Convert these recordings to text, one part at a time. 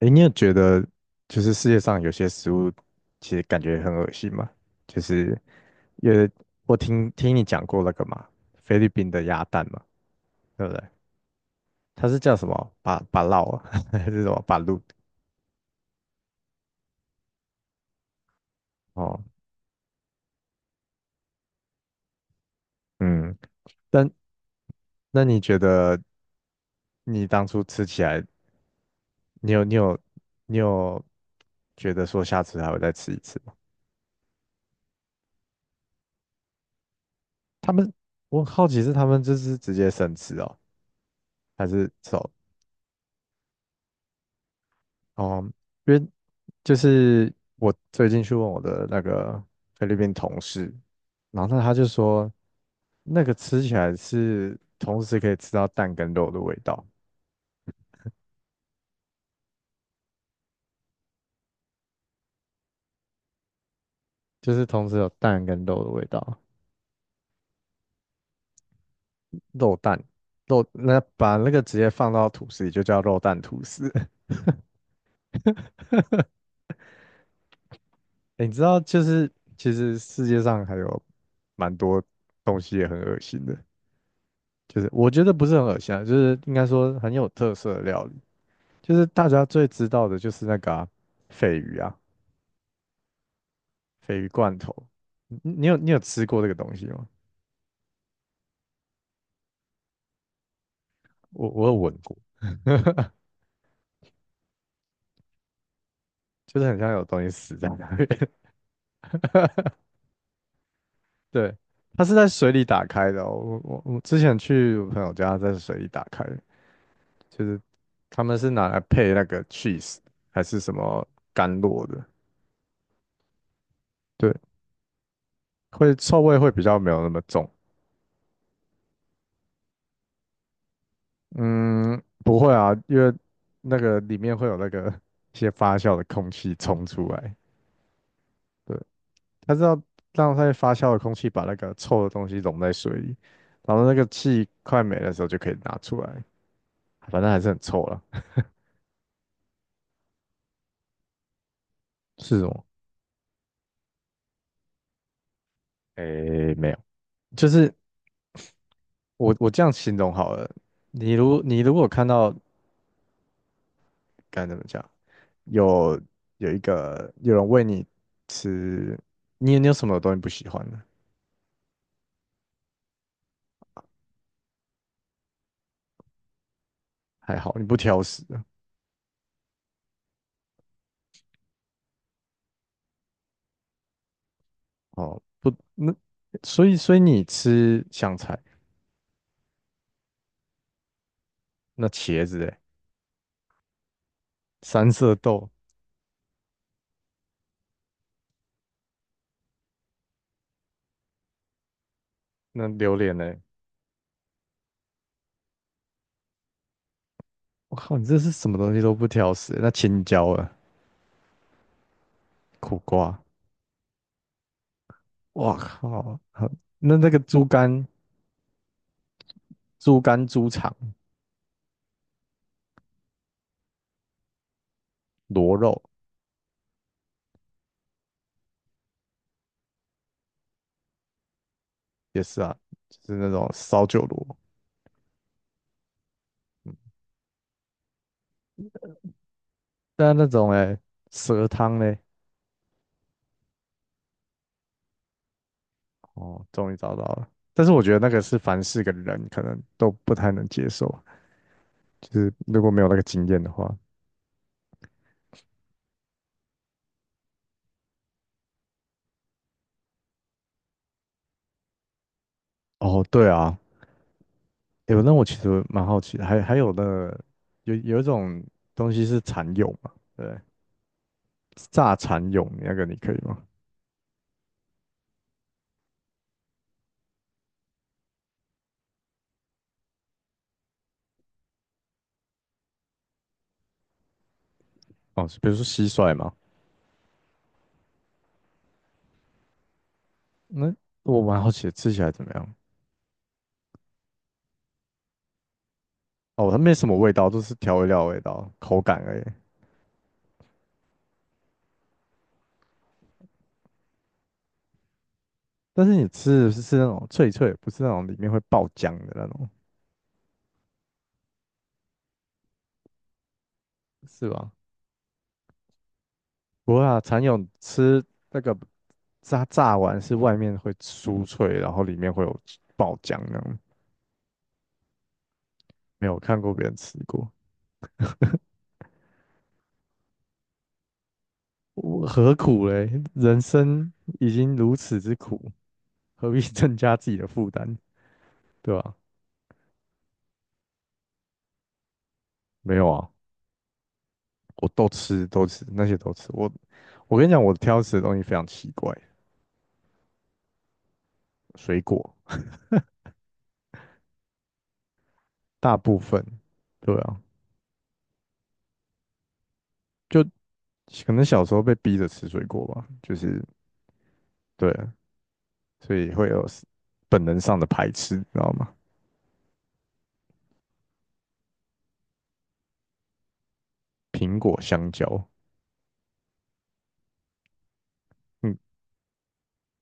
诶，你有觉得就是世界上有些食物其实感觉很恶心吗？就是因为我听你讲过那个嘛，菲律宾的鸭蛋嘛，对不对？它是叫什么？巴巴烙啊，还是什么巴鲁？哦，嗯，但那你觉得你当初吃起来，你有你有你有觉得说下次还会再吃一次吗？他们，我很好奇是他们就是直接生吃哦，还是走？哦，因为就是我最近去问我的那个菲律宾同事，然后那他就说，那个吃起来是同时可以吃到蛋跟肉的味道，就是同时有蛋跟肉的味道。肉蛋肉，那把那个直接放到吐司里就叫肉蛋吐司。欸你知道，就是其实世界上还有蛮多东西也很恶心的，就是我觉得不是很恶心啊，就是应该说很有特色的料理。就是大家最知道的就是那个啊鲱鱼啊，鲱鱼罐头。你有吃过这个东西吗？我有闻过，就是很像有东西死在那边。对，它是在水里打开的哦，我之前去我朋友家，在水里打开的，就是他们是拿来配那个 cheese 还是什么甘露的。对，会臭味会比较没有那么重。嗯，不会啊，因为那个里面会有那个一些发酵的空气冲出来。对，它是要让它发酵的空气把那个臭的东西溶在水里，然后那个气快没的时候就可以拿出来，反正还是很臭了。是什么？诶，没有，就是我这样形容好了。你如果看到，该怎么讲，有有一个有人喂你吃，你有什么东西不喜欢的？还好你不挑食。哦，不，那所以你吃香菜？那茄子哎？三色豆？那榴莲哎？我靠，你这是什么东西都不挑食欸。那青椒啊？苦瓜？哇靠，好，那那个猪肝、猪肠、螺肉？也是啊，就是那种烧酒螺。但那种哎，蛇汤嘞？哦，终于找到了。但是我觉得那个是凡是个人可能都不太能接受，就是如果没有那个经验的话。哦，对啊，有，那我其实蛮好奇的，还有的有一种东西是蚕蛹嘛，对，炸蚕蛹那个你可以吗？哦，比如说蟋蟀嘛。那我蛮好奇的吃起来怎么样？哦，它没什么味道，都是调味料的味道，口感而已。但是你吃的是那种脆脆的，不是那种里面会爆浆的那种，是吧？不会啊，蚕蛹吃那个炸完是外面会酥脆，然后里面会有爆浆那种。没有看过别人吃过。我何苦嘞？人生已经如此之苦，何必 增加自己的负担，对吧？没有啊，我都吃，都吃，那些都吃。我跟你讲，我挑食的东西非常奇怪。水果大部分，对啊，就可能小时候被逼着吃水果吧，就是对啊，所以会有 本能上的排斥，你知道吗？苹果、香蕉。嗯，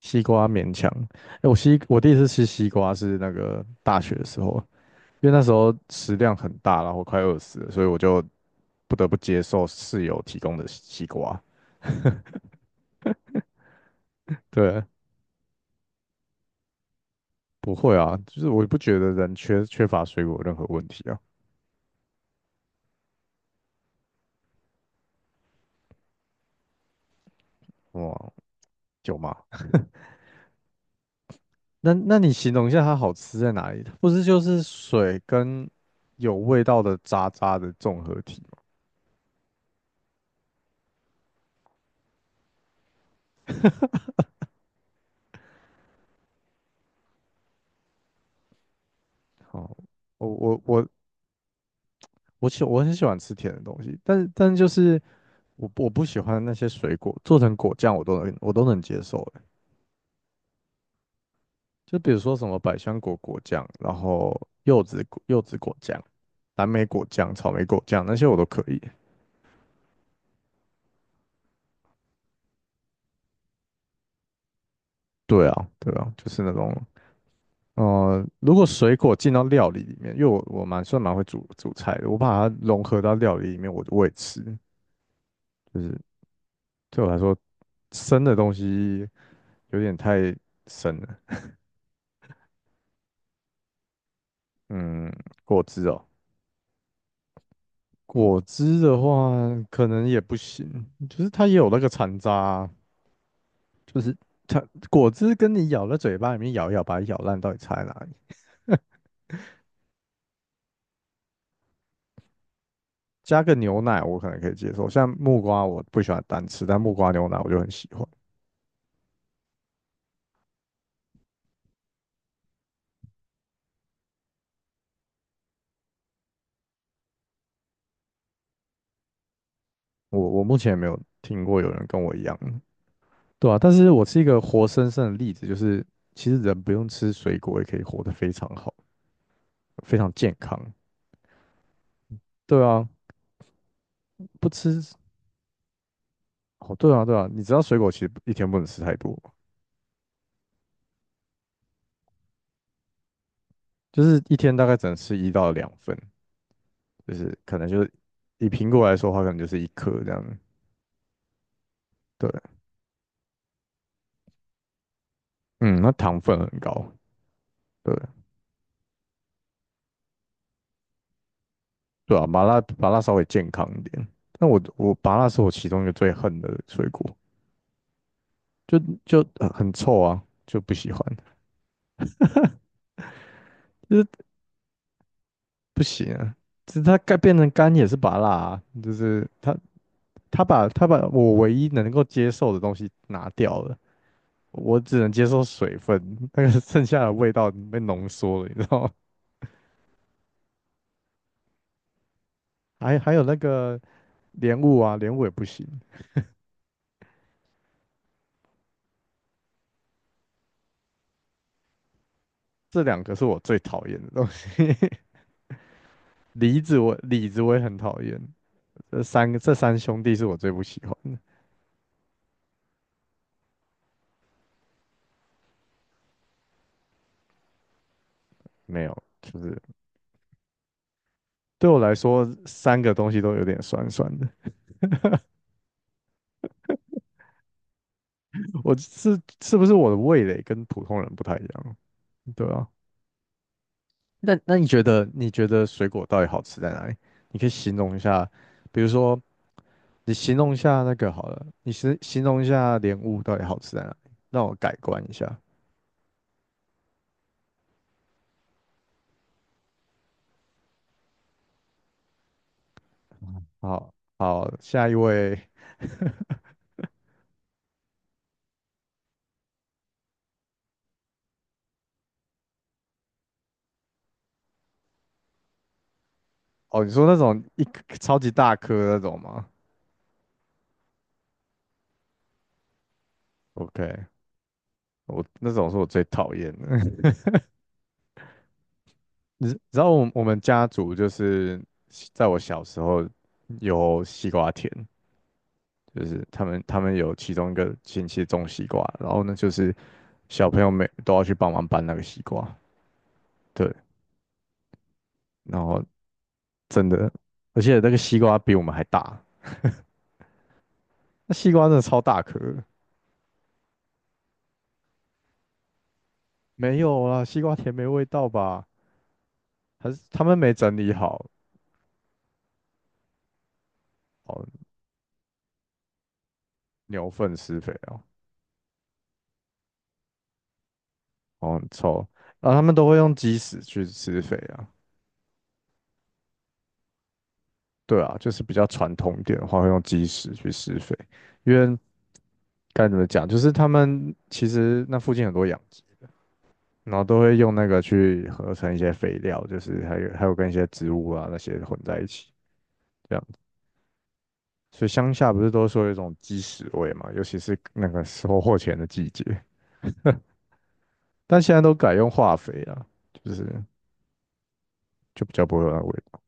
西瓜勉强。哎，我第一次吃西瓜是那个大学的时候，因为那时候食量很大，然后快饿死了，所以我就不得不接受室友提供的西瓜。对，不会啊，就是我也不觉得人缺乏水果有任何问题啊。哇，有吗？那你形容一下它好吃在哪里？它不是就是水跟有味道的渣渣的综合体吗？哦，我我我我很喜欢吃甜的东西，但是就是我不喜欢那些水果做成果酱，我都能接受。就比如说什么百香果果酱，然后柚子果酱、蓝莓果酱、草莓果酱那些我都可以。对啊，对啊，就是那种。如果水果进到料理里面，因为我算蛮会煮煮菜的，我把它融合到料理里面，我也吃。就是对我来说，生的东西有点太生了。嗯，果汁哦。果汁的话可能也不行，就是它也有那个残渣啊，就是它果汁跟你咬在嘴巴里面咬一咬，把它咬烂，到底差在哪里？加个牛奶我可能可以接受，像木瓜我不喜欢单吃，但木瓜牛奶我就很喜欢。我目前没有听过有人跟我一样。对啊，但是我是一个活生生的例子，就是其实人不用吃水果也可以活得非常好，非常健康。对啊，不吃哦，对啊，对啊，你知道水果其实一天不能吃太多吗？就是一天大概只能吃一到两份，就是可能就是以苹果来说的话，可能就是一颗这样。对，嗯，那糖分很高。对，对啊，麻辣稍微健康一点。但我麻辣是我其中一个最恨的水果，就就很臭啊，就不喜欢，就是不行啊。其实它该变成干也是麻辣啊，就是它把我唯一能够接受的东西拿掉了，我只能接受水分，那个剩下的味道被浓缩了，你知道吗？还有那个莲雾啊，莲雾也不行，这两个是我最讨厌的东西。梨子我李子我也很讨厌，这三兄弟是我最不喜欢的。没有，就是对我来说，三个东西都有点酸酸的。是不是我的味蕾跟普通人不太一样？对啊，那你觉得水果到底好吃在哪里？你可以形容一下，比如说你形容一下那个好了，形容一下莲雾到底好吃在哪里，让我改观一下。好，好，下一位。哦，你说那种一颗超级大颗那种吗？OK，我那种是我最讨厌的。你知道我们家族就是在我小时候有西瓜田，就是他们有其中一个亲戚种西瓜，然后呢就是小朋友每都要去帮忙搬那个西瓜。对，然后真的，而且那个西瓜比我们还大，那西瓜真的超大颗的。没有啊，西瓜田没味道吧？还是他们没整理好，哦，牛粪施肥哦。哦，很臭，然后他们都会用鸡屎去施肥啊。对啊，就是比较传统一点的话，会用基石去施肥，因为该怎么讲，就是他们其实那附近很多养殖，然后都会用那个去合成一些肥料，就是还有跟一些植物啊那些混在一起这样子。所以乡下不是都说有一种鸡屎味嘛，尤其是那个收获前的季节，但现在都改用化肥了，就是就比较不会有那个味道。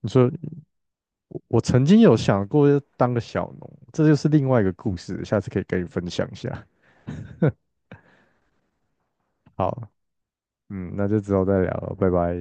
你说我曾经有想过要当个小农，这就是另外一个故事，下次可以跟你分享一下。好。嗯，那就之后再聊了，拜拜。